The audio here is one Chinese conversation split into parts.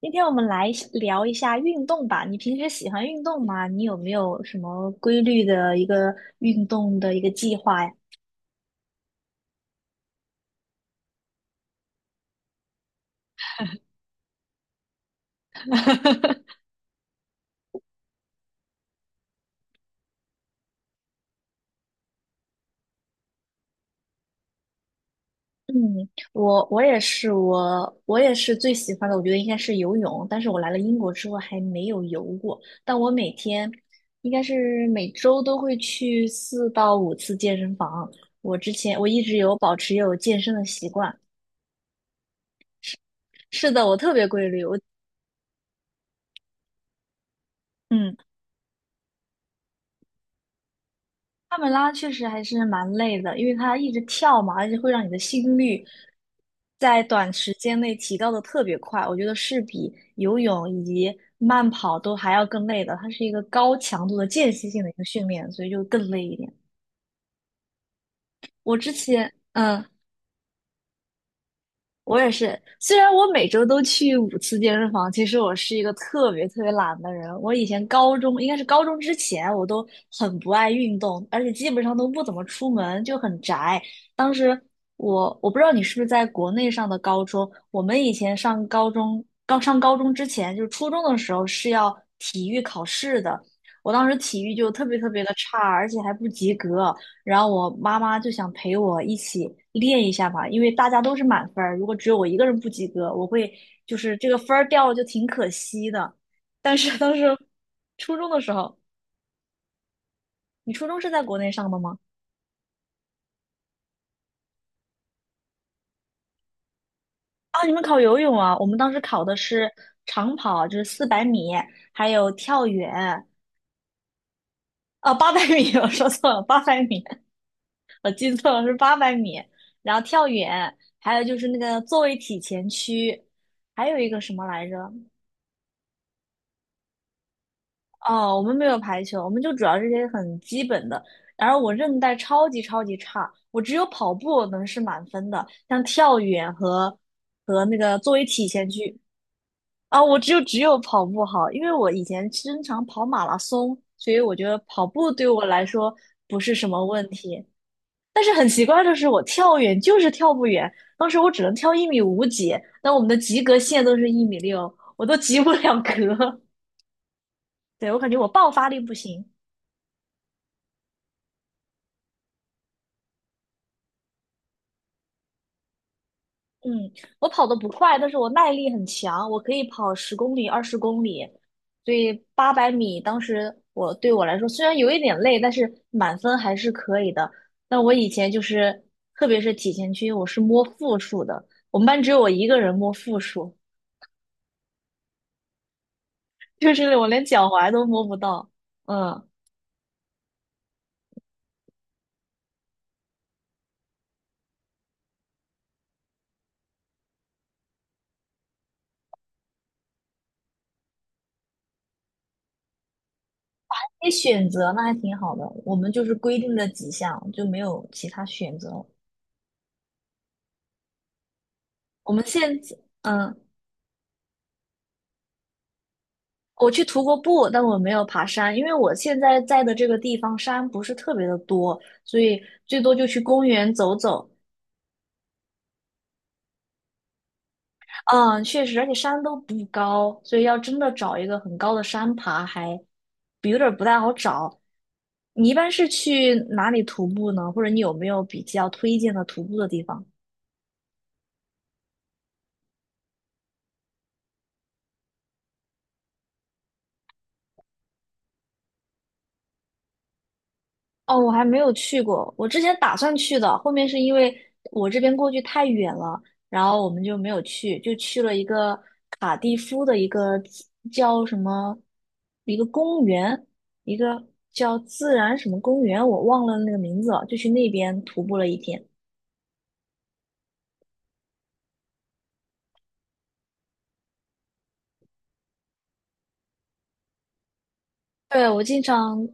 今天我们来聊一下运动吧。你平时喜欢运动吗？你有没有什么规律的一个运动的一个计划呀？嗯，我也是，我也是最喜欢的，我觉得应该是游泳。但是我来了英国之后还没有游过，但我每天应该是每周都会去4到5次健身房。我之前我一直有保持有健身的习惯。是的，我特别规律。嗯。帕梅拉确实还是蛮累的，因为它一直跳嘛，而且会让你的心率在短时间内提高的特别快。我觉得是比游泳以及慢跑都还要更累的，它是一个高强度的间歇性的一个训练，所以就更累一点。我之前，我也是，虽然我每周都去五次健身房，其实我是一个特别特别懒的人。我以前高中，应该是高中之前，我都很不爱运动，而且基本上都不怎么出门，就很宅。当时我不知道你是不是在国内上的高中，我们以前上高中，刚上高中之前，就是初中的时候是要体育考试的。我当时体育就特别特别的差，而且还不及格。然后我妈妈就想陪我一起练一下嘛，因为大家都是满分儿，如果只有我一个人不及格，我会就是这个分儿掉了就挺可惜的。但是当时初中的时候，你初中是在国内上的吗？啊，你们考游泳啊？我们当时考的是长跑，就是400米，还有跳远，啊，八百米，我说错了，800米，我记错了是八百米，然后跳远，还有就是那个坐位体前屈，还有一个什么来着？哦，我们没有排球，我们就主要这些很基本的。然后我韧带超级超级差，我只有跑步能是满分的，像跳远和那个作为体前屈啊，我只有跑步好，因为我以前经常跑马拉松，所以我觉得跑步对我来说不是什么问题。但是很奇怪的是，我跳远就是跳不远，当时我只能跳一米五几，但我们的及格线都是一米六，我都及不了格。对，我感觉我爆发力不行。嗯，我跑得不快，但是我耐力很强，我可以跑十公里、20公里，所以八百米当时我对我来说虽然有一点累，但是满分还是可以的。但我以前就是，特别是体前区，我是摸负数的，我们班只有我一个人摸负数，就是我连脚踝都摸不到。嗯，可以选择，那还挺好的。我们就是规定了几项，就没有其他选择。我们现在，嗯。我去徒过步，但我没有爬山，因为我现在在的这个地方山不是特别的多，所以最多就去公园走走。嗯，确实，而且山都不高，所以要真的找一个很高的山爬还有点儿不太好找。你一般是去哪里徒步呢？或者你有没有比较推荐的徒步的地方？哦，我还没有去过，我之前打算去的，后面是因为我这边过去太远了，然后我们就没有去，就去了一个卡蒂夫的一个叫什么，一个公园，一个叫自然什么公园，我忘了那个名字了，就去那边徒步了一天。对，我经常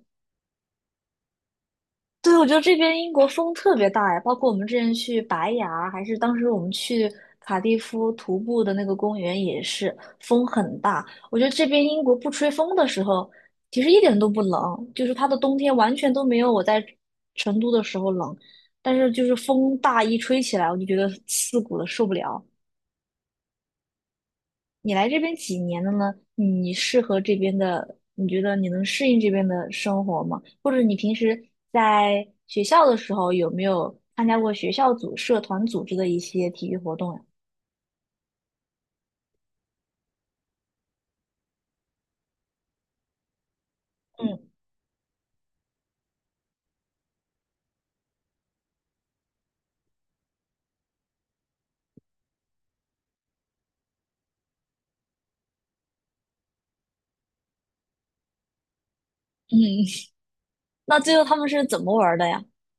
对，我觉得这边英国风特别大呀，包括我们之前去白崖，还是当时我们去卡蒂夫徒步的那个公园，也是风很大。我觉得这边英国不吹风的时候，其实一点都不冷，就是它的冬天完全都没有我在成都的时候冷，但是就是风大一吹起来，我就觉得刺骨的受不了。你来这边几年了呢？你适合这边的，你觉得你能适应这边的生活吗？或者你平时在学校的时候有没有参加过学校组、社团组织的一些体育活动呀？嗯嗯，那最后他们是怎么玩儿的呀？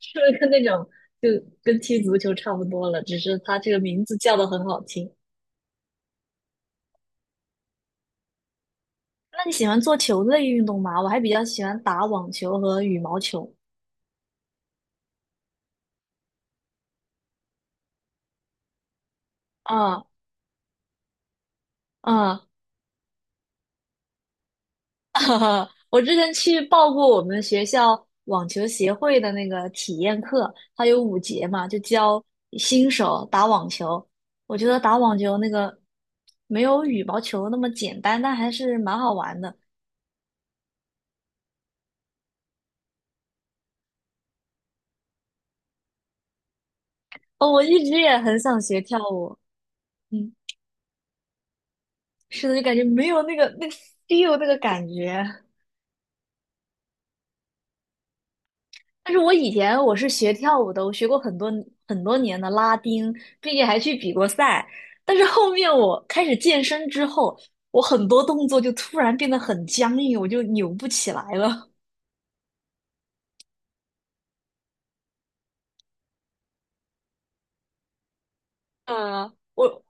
是不是跟那种就跟踢足球差不多了，只是它这个名字叫的很好听那你喜欢做球类运动吗？我还比较喜欢打网球和羽毛球。啊啊！哈哈，我之前去报过我们学校网球协会的那个体验课，它有5节嘛，就教新手打网球。我觉得打网球那个没有羽毛球那么简单，但还是蛮好玩的。哦，我一直也很想学跳舞，嗯，是的，就感觉没有那个 feel 那个感觉。但是我以前我是学跳舞的，我学过很多年的拉丁，并且还去比过赛。但是后面我开始健身之后，我很多动作就突然变得很僵硬，我就扭不起来了。嗯我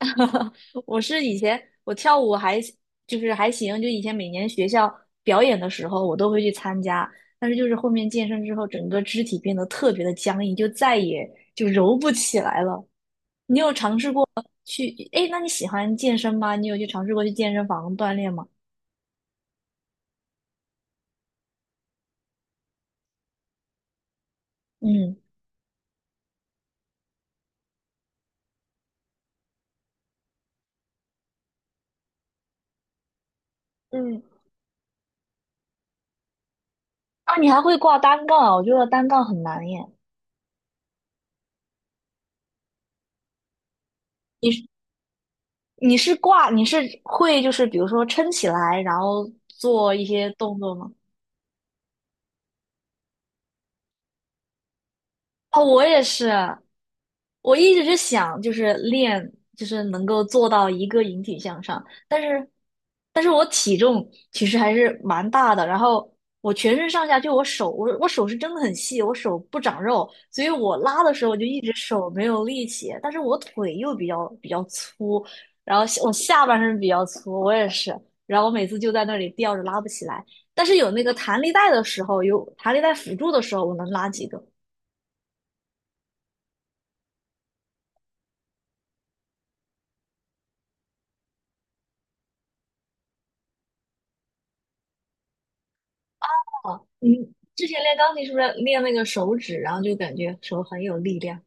我是以前我跳舞还还行，就以前每年学校表演的时候我都会去参加，但是就是后面健身之后，整个肢体变得特别的僵硬，就再也就揉不起来了。你有尝试过去？哎，那你喜欢健身吗？你有去尝试过去健身房锻炼吗？嗯，嗯，啊，你还会挂单杠啊？我觉得单杠很难耶。你是你是会就是比如说撑起来，然后做一些动作吗？哦，我也是，我一直是想就是练，就是能够做到一个引体向上，但是，但是我体重其实还是蛮大的，然后我全身上下就我手，我手是真的很细，我手不长肉，所以我拉的时候就一直手没有力气，但是我腿又比较粗，然后我下半身比较粗，我也是，然后我每次就在那里吊着拉不起来，但是有那个弹力带的时候，有弹力带辅助的时候，我能拉几个。你之前练钢琴是不是练那个手指，然后就感觉手很有力量？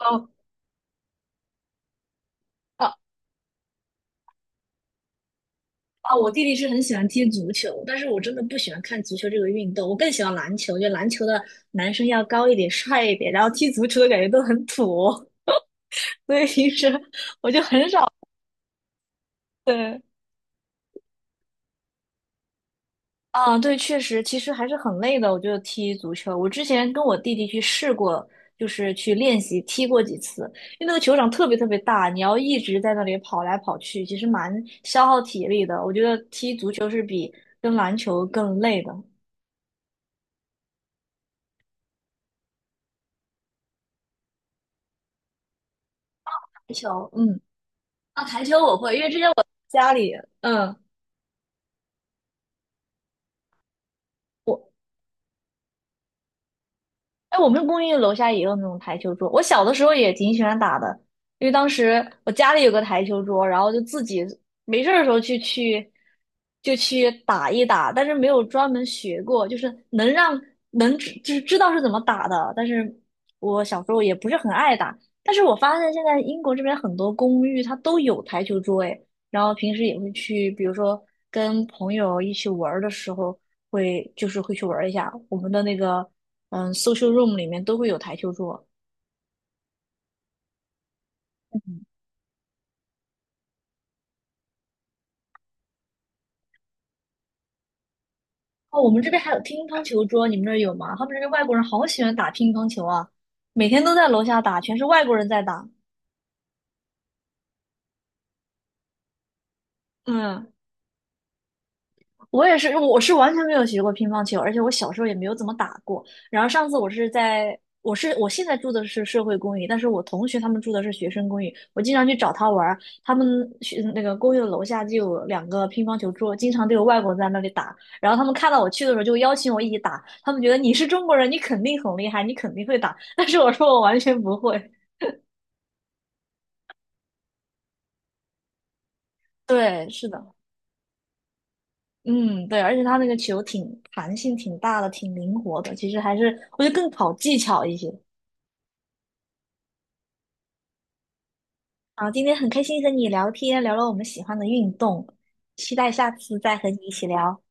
哦哦哦！我弟弟是很喜欢踢足球，但是我真的不喜欢看足球这个运动，我更喜欢篮球。就篮球的男生要高一点、帅一点，然后踢足球的感觉都很土哦，所以平时我就很少对。啊，对，确实，其实还是很累的。我觉得踢足球，我之前跟我弟弟去试过，就是去练习踢过几次，因为那个球场特别特别大，你要一直在那里跑来跑去，其实蛮消耗体力的。我觉得踢足球是跟篮球更累的。台球，嗯，啊，台球我会，因为之前我家里，嗯。我。哎，我们公寓楼下也有那种台球桌，我小的时候也挺喜欢打的，因为当时我家里有个台球桌，然后就自己没事儿的时候去去打一打，但是没有专门学过，就是能让能知就是知道是怎么打的，但是我小时候也不是很爱打，但是我发现现在英国这边很多公寓它都有台球桌，哎，然后平时也会去，比如说跟朋友一起玩儿的时候。会就是会去玩一下。我们的那个social room 里面都会有台球桌。哦，我们这边还有乒乓球桌，你们那儿有吗？他们这边外国人好喜欢打乒乓球啊，每天都在楼下打，全是外国人在打。嗯。我也是，我是完全没有学过乒乓球，而且我小时候也没有怎么打过。然后上次我是在，我是我现在住的是社会公寓，但是我同学他们住的是学生公寓。我经常去找他玩儿，他们学那个公寓的楼下就有两个乒乓球桌，经常都有外国人在那里打。然后他们看到我去的时候就邀请我一起打，他们觉得你是中国人，你肯定很厉害，你肯定会打。但是我说我完全不会。对，是的，嗯，对，而且他那个球挺弹性挺大的，挺灵活的，其实还是我觉得更考技巧一些。好，今天很开心和你聊天，聊了我们喜欢的运动，期待下次再和你一起聊。